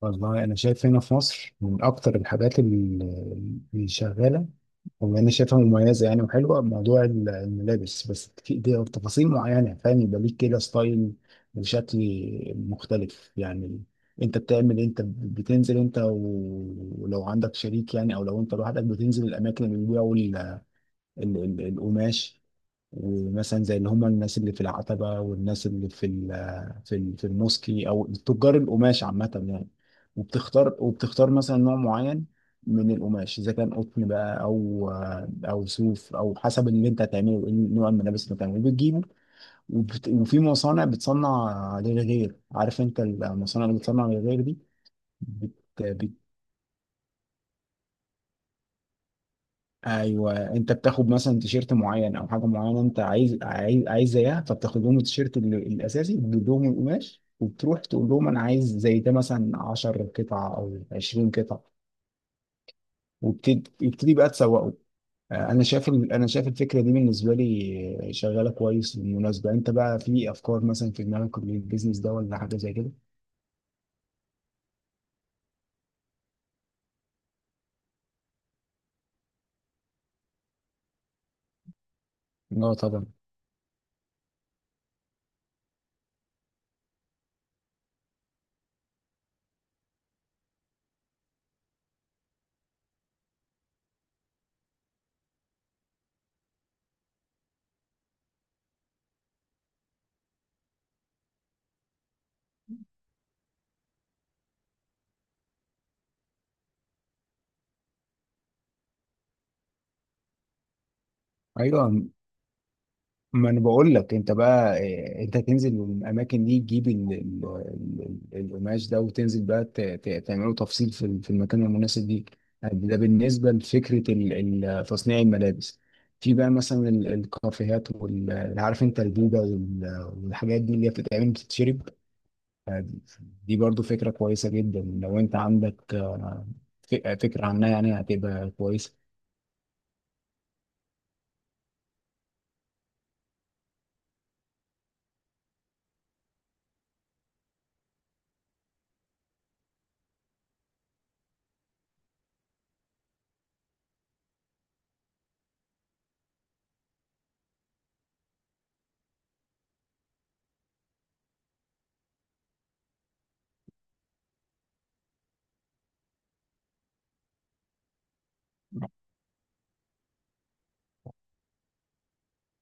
والله انا شايف هنا في مصر من اكتر الحاجات اللي شغاله، وما انا شايفها مميزه يعني وحلوه، موضوع الملابس. بس في دي تفاصيل معينه، فاهم؟ يبقى ليك كده ستايل وشكل مختلف يعني. انت بتعمل إيه؟ انت بتنزل انت ولو عندك شريك يعني، او لو انت لوحدك بتنزل الاماكن اللي بيبيعوا القماش، ومثلا زي اللي هم الناس اللي في العتبة والناس اللي في ال في ال في الموسكي، او تجار القماش عامة يعني. وبتختار مثلا نوع معين من القماش، اذا كان قطن بقى او صوف، او حسب اللي انت هتعمله، إيه نوع الملابس اللي هتعمله بتجيبه. وفي مصانع بتصنع للغير، عارف انت المصانع اللي بتصنع للغير دي. بت... ايوه، انت بتاخد مثلا تيشيرت معين او حاجه معينه انت عايز زيها، فبتاخد لهم التيشيرت الاساسي، بتجيب لهم القماش، وبتروح تقول لهم انا عايز زي ده مثلا 10 قطعه او 20 قطعه، وبتبتدي بقى تسوقه. انا شايف الفكره دي بالنسبه لي شغاله كويس. بالمناسبه، انت بقى في افكار مثلا في دماغك للبيزنس ده، ولا حاجه زي كده؟ اه طبعا. ايوه، ما انا بقول لك، انت بقى انت تنزل من الاماكن دي، تجيب القماش ده، وتنزل بقى تعمله تفصيل في في المكان المناسب دي. ده بالنسبه لفكره تصنيع الملابس. في بقى مثلا الكافيهات وال- عارف انت البوبه وال- والحاجات دي اللي هي بتتعمل بتتشرب. دي برضو فكره كويسه جدا لو انت عندك ف- فكره عنها يعني، هتبقى كويسه.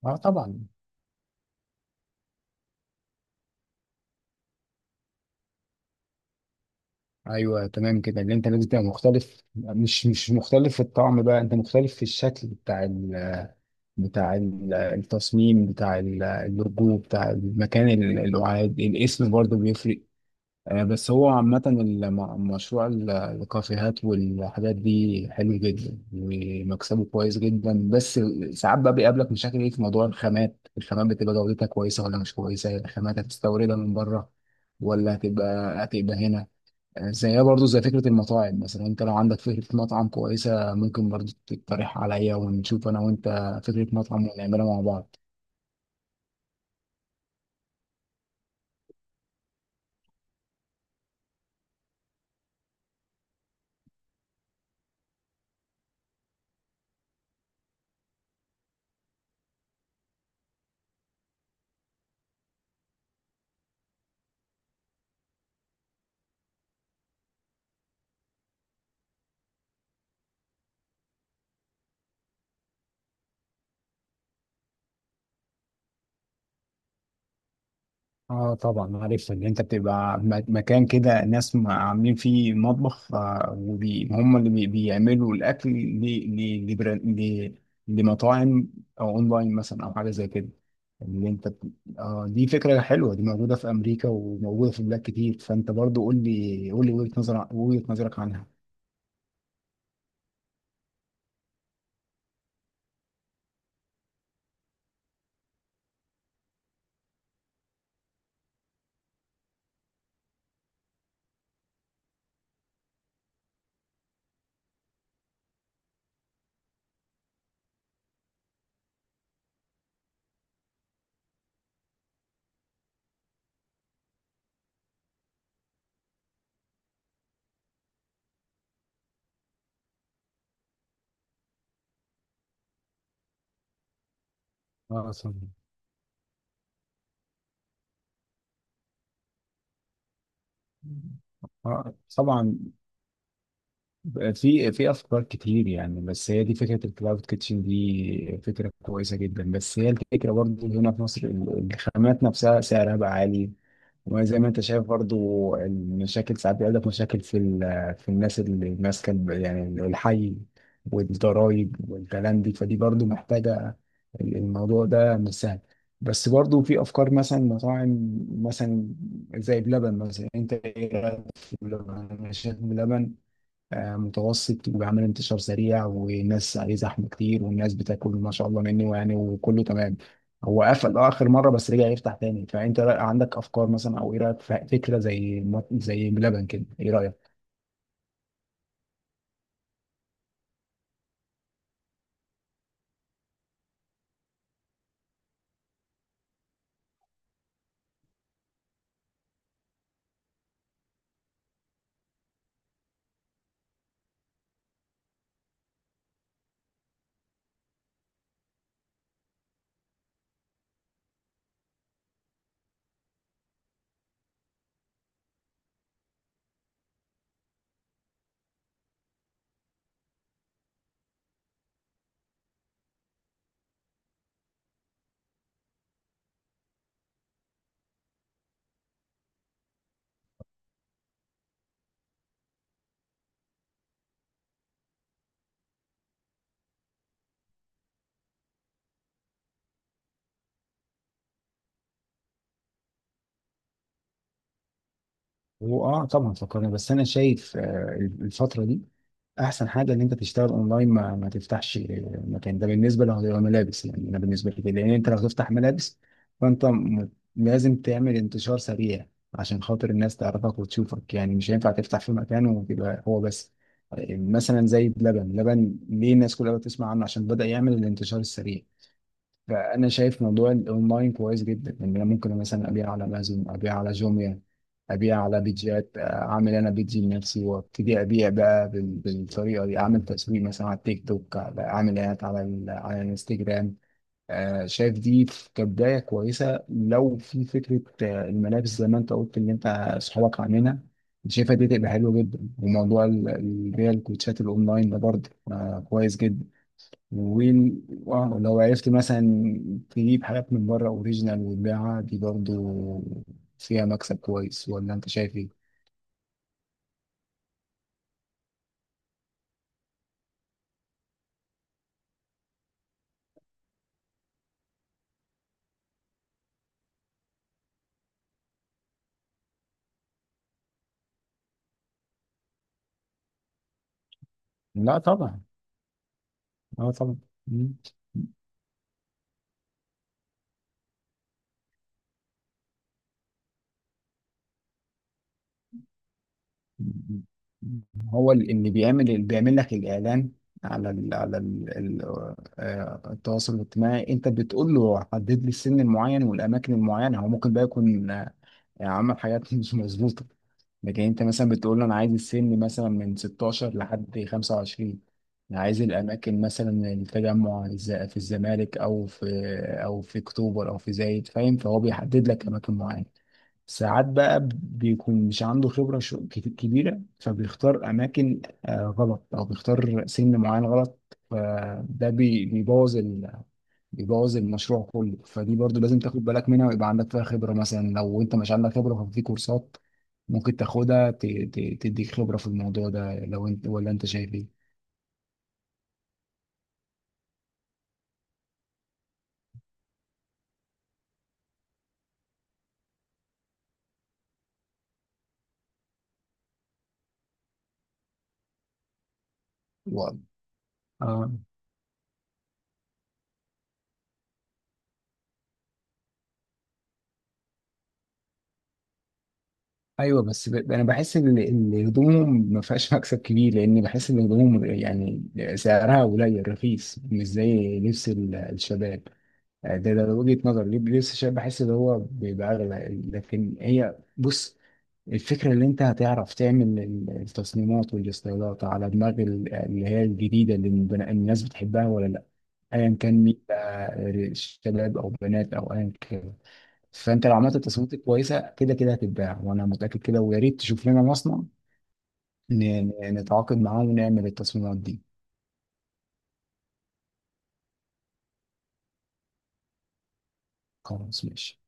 اه طبعا. ايوه تمام كده، اللي انت لازم تبقى مختلف، مش مختلف في الطعم بقى، انت مختلف في الشكل بتاع التصميم، بتاع اللوجو، بتاع المكان، القعاد، الاسم برضه بيفرق. بس هو عامة مشروع الكافيهات والحاجات دي حلو جدا ومكسبه كويس جدا. بس ساعات بقى بيقابلك مشاكل، ايه في موضوع الخامات؟ الخامات بتبقى جودتها كويسة ولا مش كويسة؟ الخامات هتستوردها من بره، ولا هتبقى هنا؟ زيها برضو زي فكرة المطاعم مثلا. انت لو عندك فكرة مطعم كويسة ممكن برضو تقترح عليا، ونشوف انا وانت فكرة مطعم ونعملها مع بعض. اه طبعا، عارف ان انت بتبقى مكان كده، ناس عاملين فيه مطبخ، وهم اللي بيعملوا الاكل لمطاعم، او اونلاين مثلا، او حاجة زي كده. اللي انت بت- آه، دي فكرة حلوة، دي موجودة في امريكا وموجودة في بلاد كتير. فانت برضو قول لي وجهة نظرك، عنها اه صح. طبعا. في افكار كتير يعني، بس هي دي فكره الكلاود كيتشن، دي فكره كويسه جدا. بس هي الفكره برضو هنا في مصر، الخامات نفسها سعرها بقى عالي. وزي ما انت شايف برضو المشاكل ساعات بيقول لك، مشاكل في في الناس اللي ماسكه يعني الحي والضرايب والكلام دي، فدي برضو محتاجه، الموضوع ده مش سهل. بس برضو في افكار مثلا مطاعم، مثلا زي بلبن مثلا. انت ايه، لبن شرب لبن. متوسط، وبيعمل انتشار سريع والناس عليه زحمه كتير والناس بتاكل ما شاء الله منه يعني، وكله تمام. هو قفل اخر مره، بس رجع يفتح تاني. فانت عندك افكار مثلا، او ايه رايك في فكره زي بلبن كده، ايه رايك؟ هو اه طبعا فكرنا، بس انا شايف الفتره دي احسن حاجه ان انت تشتغل اونلاين، ما تفتحش مكان. ده بالنسبه لو ملابس يعني، انا بالنسبه لي كده، لان انت لو تفتح ملابس فانت لازم تعمل انتشار سريع عشان خاطر الناس تعرفك وتشوفك يعني. مش هينفع تفتح في مكان وتبقى هو بس. مثلا زي بلبن، لبن ليه الناس كلها بتسمع عنه؟ عشان بدأ يعمل الانتشار السريع. فانا شايف موضوع الاونلاين كويس جدا، ان انا ممكن مثلا ابيع على امازون، ابيع على جوميا، ابيع على بيدجات، اعمل انا بيدج لنفسي وابتدي ابيع بقى بالطريقه دي، اعمل تسويق مثلا على التيك توك، اعمل اعلانات على الانستجرام. شايف دي كبدايه كويسه لو في فكره، الملابس زي ما انت قلت اللي انت اصحابك عاملينها، شايفها دي تبقى حلوه جدا. وموضوع البيع الكوتشات الاونلاين ده برضه كويس جدا. وال- ولو عرفت مثلا تجيب حاجات من بره اوريجينال وتبيعها، دي برضو فيها مكسب كويس، ولا انت شايف ايه؟ لا طبعا. اه طبعا. هو اللي بيعمل لك الاعلان على ال على ال ال التواصل الاجتماعي، انت بتقول له حدد لي السن المعين والاماكن المعينه. هو ممكن بقى يكون عمل حاجات مش مظبوطه. لكن انت مثلا بتقول له انا عايز السن مثلا من 16 لحد 25، انا عايز الاماكن مثلا التجمع، في الزمالك، او في اكتوبر، او في زايد، فاهم؟ فهو بيحدد لك اماكن معينه. ساعات بقى بيكون مش عنده خبرة كبيرة، فبيختار أماكن غلط، أو بيختار سن معين غلط. فده بيبوظ بيبوظ المشروع كله. فدي برضو لازم تاخد بالك منها، ويبقى عندك فيها خبرة مثلا. لو أنت مش عندك خبرة ففي كورسات ممكن تاخدها تديك خبرة في الموضوع ده، لو أنت. ولا أنت شايف إيه؟ و- آه. ايوه، انا بحس ان هدومهم ما فيهاش مكسب كبير، لان بحس ان هدومهم يعني سعرها قليل رخيص، مش زي لبس الشباب. ده وجهة نظر. لبس الشباب بحس ان هو بيبقى اغلى. لكن هي بص، الفكرة اللي انت هتعرف تعمل التصميمات والاستايلات على دماغ اللي هي الجديدة اللي الناس بتحبها ولا لا، ايا كان مين بقى، شباب او بنات او ايا كان. فانت لو عملت تصميمات كويسه، كده كده هتتباع، وانا متاكد كده. ويا ريت تشوف لنا مصنع نتعاقد معاه ونعمل التصميمات دي. خلاص ماشي.